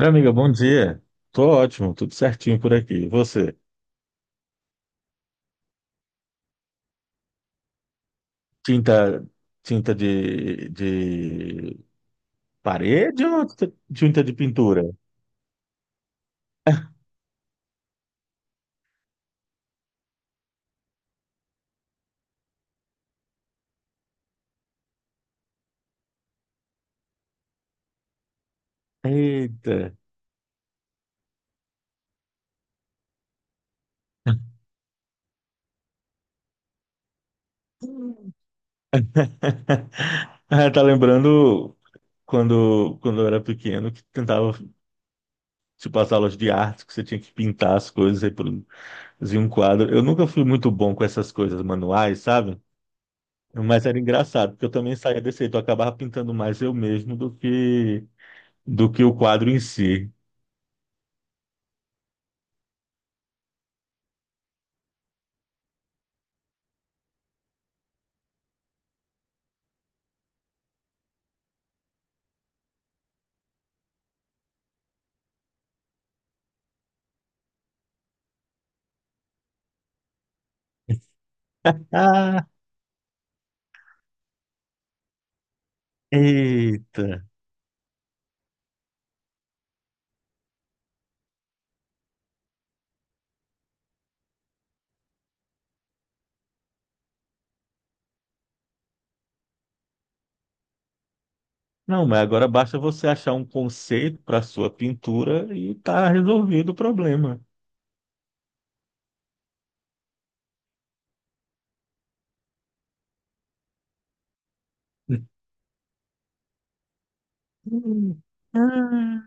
Oi, amiga, bom dia. Tô ótimo, tudo certinho por aqui. E você? Tinta, tinta de parede ou tinta de pintura? Eita. Ah, tá lembrando quando eu era pequeno que tentava, tipo, as aulas de arte, que você tinha que pintar as coisas e produzir um quadro. Eu nunca fui muito bom com essas coisas manuais, sabe? Mas era engraçado, porque eu também saía desse jeito, eu acabava pintando mais eu mesmo do que o quadro em si. Ah, eita. Não, mas agora basta você achar um conceito para sua pintura e tá resolvido o problema. Hum. Ah.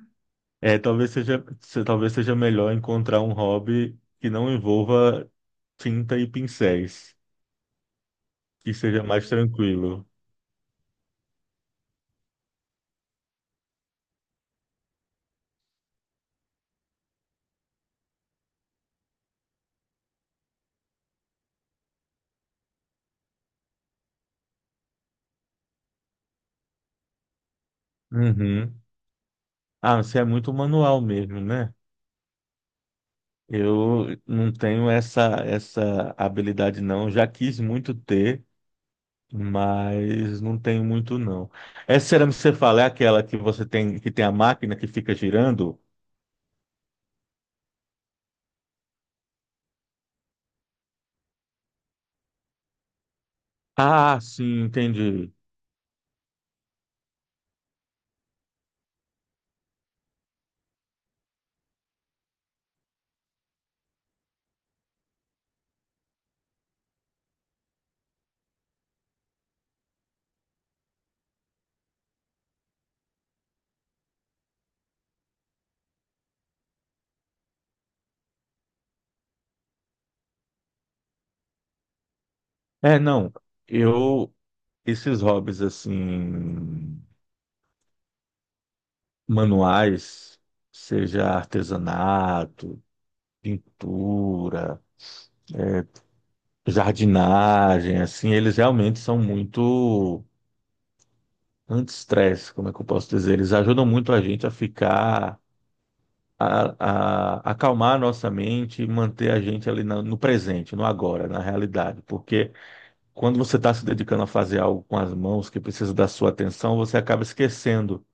É, talvez seja, talvez seja melhor encontrar um hobby que não envolva tinta e pincéis, que seja mais tranquilo. Uhum. Ah, você é muito manual mesmo, né? Eu não tenho essa habilidade não, já quis muito ter, mas não tenho muito, não. Essa cerâmica que você fala é aquela que você tem, que tem a máquina que fica girando? Ah, sim, entendi. É, não. Eu, esses hobbies assim, manuais, seja artesanato, pintura, jardinagem, assim, eles realmente são muito anti-estresse, como é que eu posso dizer? Eles ajudam muito a gente a ficar a, acalmar a nossa mente e manter a gente no presente, no agora, na realidade. Porque quando você está se dedicando a fazer algo com as mãos que precisa da sua atenção, você acaba esquecendo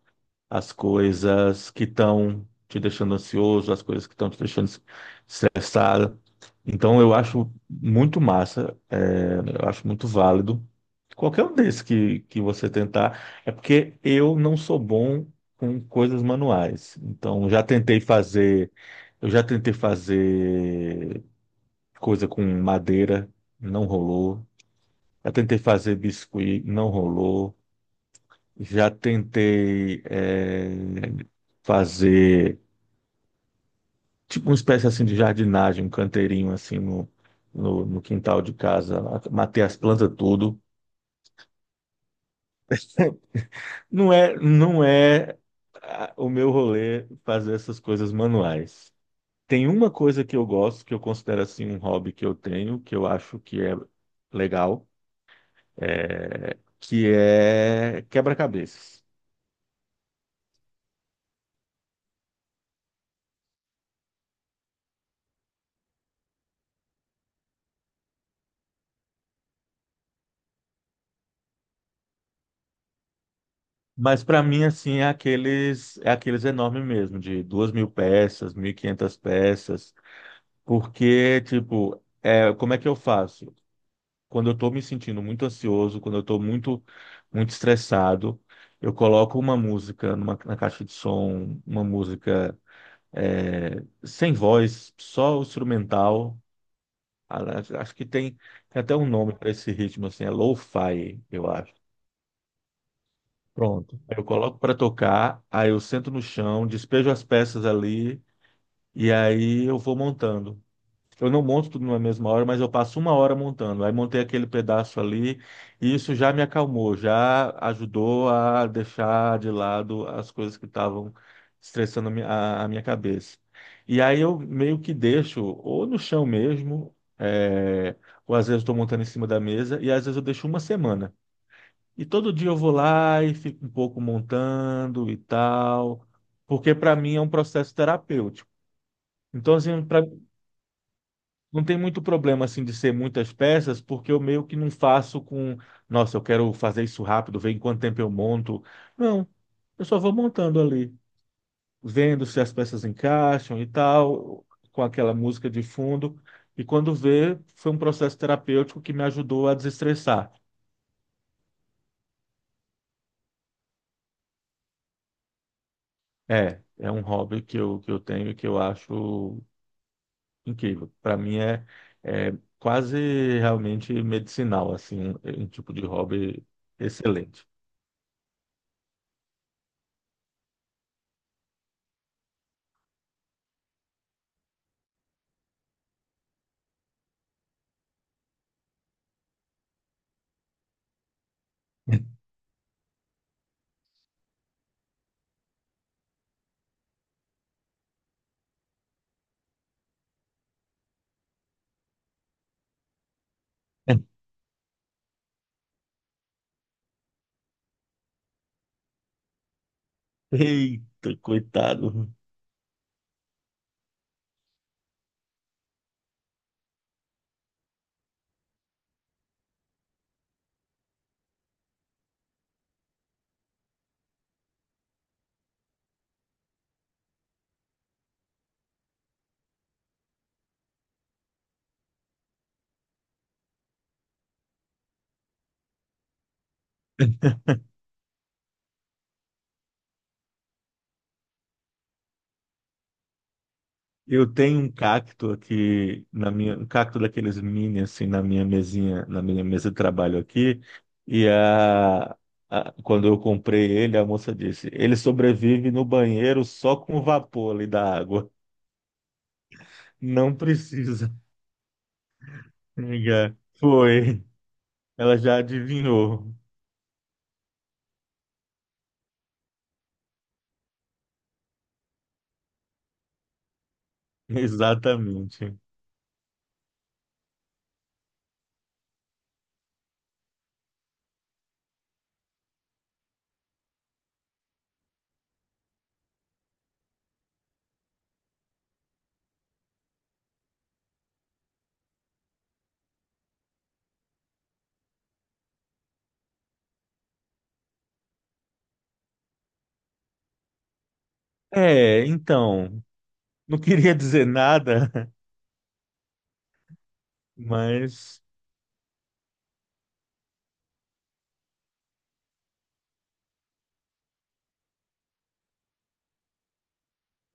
as coisas que estão te deixando ansioso, as coisas que estão te deixando estressado. Então, eu acho muito massa, é, eu acho muito válido. Qualquer um desses que você tentar, é porque eu não sou bom com coisas manuais. Então, eu já tentei fazer coisa com madeira, não rolou. Já tentei fazer biscuit, não rolou. Já tentei fazer tipo uma espécie assim de jardinagem, um canteirinho no quintal de casa, matei as plantas tudo. Não é o meu rolê fazer essas coisas manuais. Tem uma coisa que eu gosto, que eu considero assim um hobby que eu tenho, que eu acho que é legal, que é quebra-cabeças. Mas para mim, assim, é aqueles enormes mesmo, de 2.000 peças, 1.500 peças, porque, tipo, é, como é que eu faço? Quando eu estou me sentindo muito ansioso, quando eu estou muito estressado, eu coloco uma na caixa de som, uma música é, sem voz, só o instrumental. Acho que tem até um nome para esse ritmo, assim, é lo-fi, eu acho. Pronto. Aí eu coloco para tocar, aí eu sento no chão, despejo as peças ali e aí eu vou montando. Eu não monto tudo na mesma hora, mas eu passo uma hora montando. Aí montei aquele pedaço ali e isso já me acalmou, já ajudou a deixar de lado as coisas que estavam estressando a minha cabeça. E aí eu meio que deixo ou no chão mesmo, é, ou às vezes estou montando em cima da mesa e às vezes eu deixo uma semana. E todo dia eu vou lá e fico um pouco montando e tal, porque para mim é um processo terapêutico. Então, assim, não tem muito problema assim de ser muitas peças, porque eu meio que não faço com, nossa, eu quero fazer isso rápido, ver em quanto tempo eu monto. Não, eu só vou montando ali, vendo se as peças encaixam e tal, com aquela música de fundo. E quando vê, foi um processo terapêutico que me ajudou a desestressar. É, é um hobby que eu tenho e que eu acho incrível. Para mim é quase realmente medicinal, assim, um tipo de hobby excelente. Eita, coitado. Eu tenho um cacto aqui na minha, um cacto daqueles mini assim na minha mesinha, na minha mesa de trabalho aqui, e quando eu comprei ele, a moça disse: "Ele sobrevive no banheiro só com o vapor ali da água. Não precisa." Amiga, foi. Ela já adivinhou. Exatamente. É, então, não queria dizer nada, mas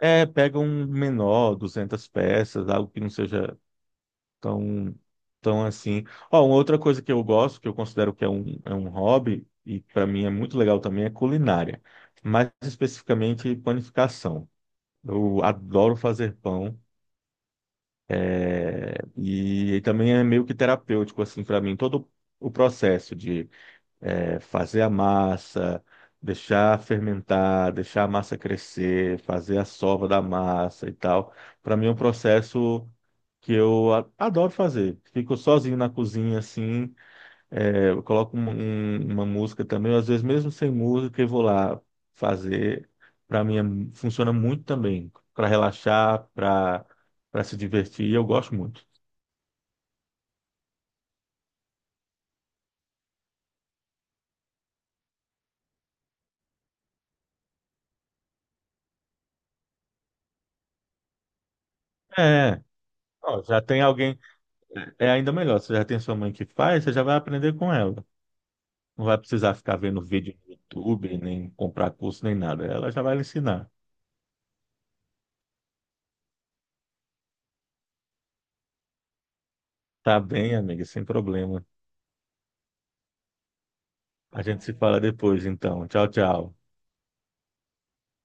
pega um menor, 200 peças, algo que não seja tão, tão assim. Ó, uma outra coisa que eu gosto, que eu considero que é um hobby, e para mim é muito legal também, é culinária. Mais especificamente, panificação. Eu adoro fazer pão. É, e também é meio que terapêutico assim para mim todo o processo de fazer a massa, deixar fermentar, deixar a massa crescer, fazer a sova da massa e tal. Para mim é um processo que eu adoro fazer. Fico sozinho na cozinha assim, eu coloco uma música também, às vezes mesmo sem música eu vou lá fazer. Para mim funciona muito também para relaxar, para se divertir. Eu gosto muito. É, ó, já tem alguém, é ainda melhor. Você já tem sua mãe que faz, você já vai aprender com ela. Não vai precisar ficar vendo vídeo no YouTube, nem comprar curso, nem nada. Ela já vai lhe ensinar. Tá bem, amiga, sem problema. A gente se fala depois, então. Tchau, tchau.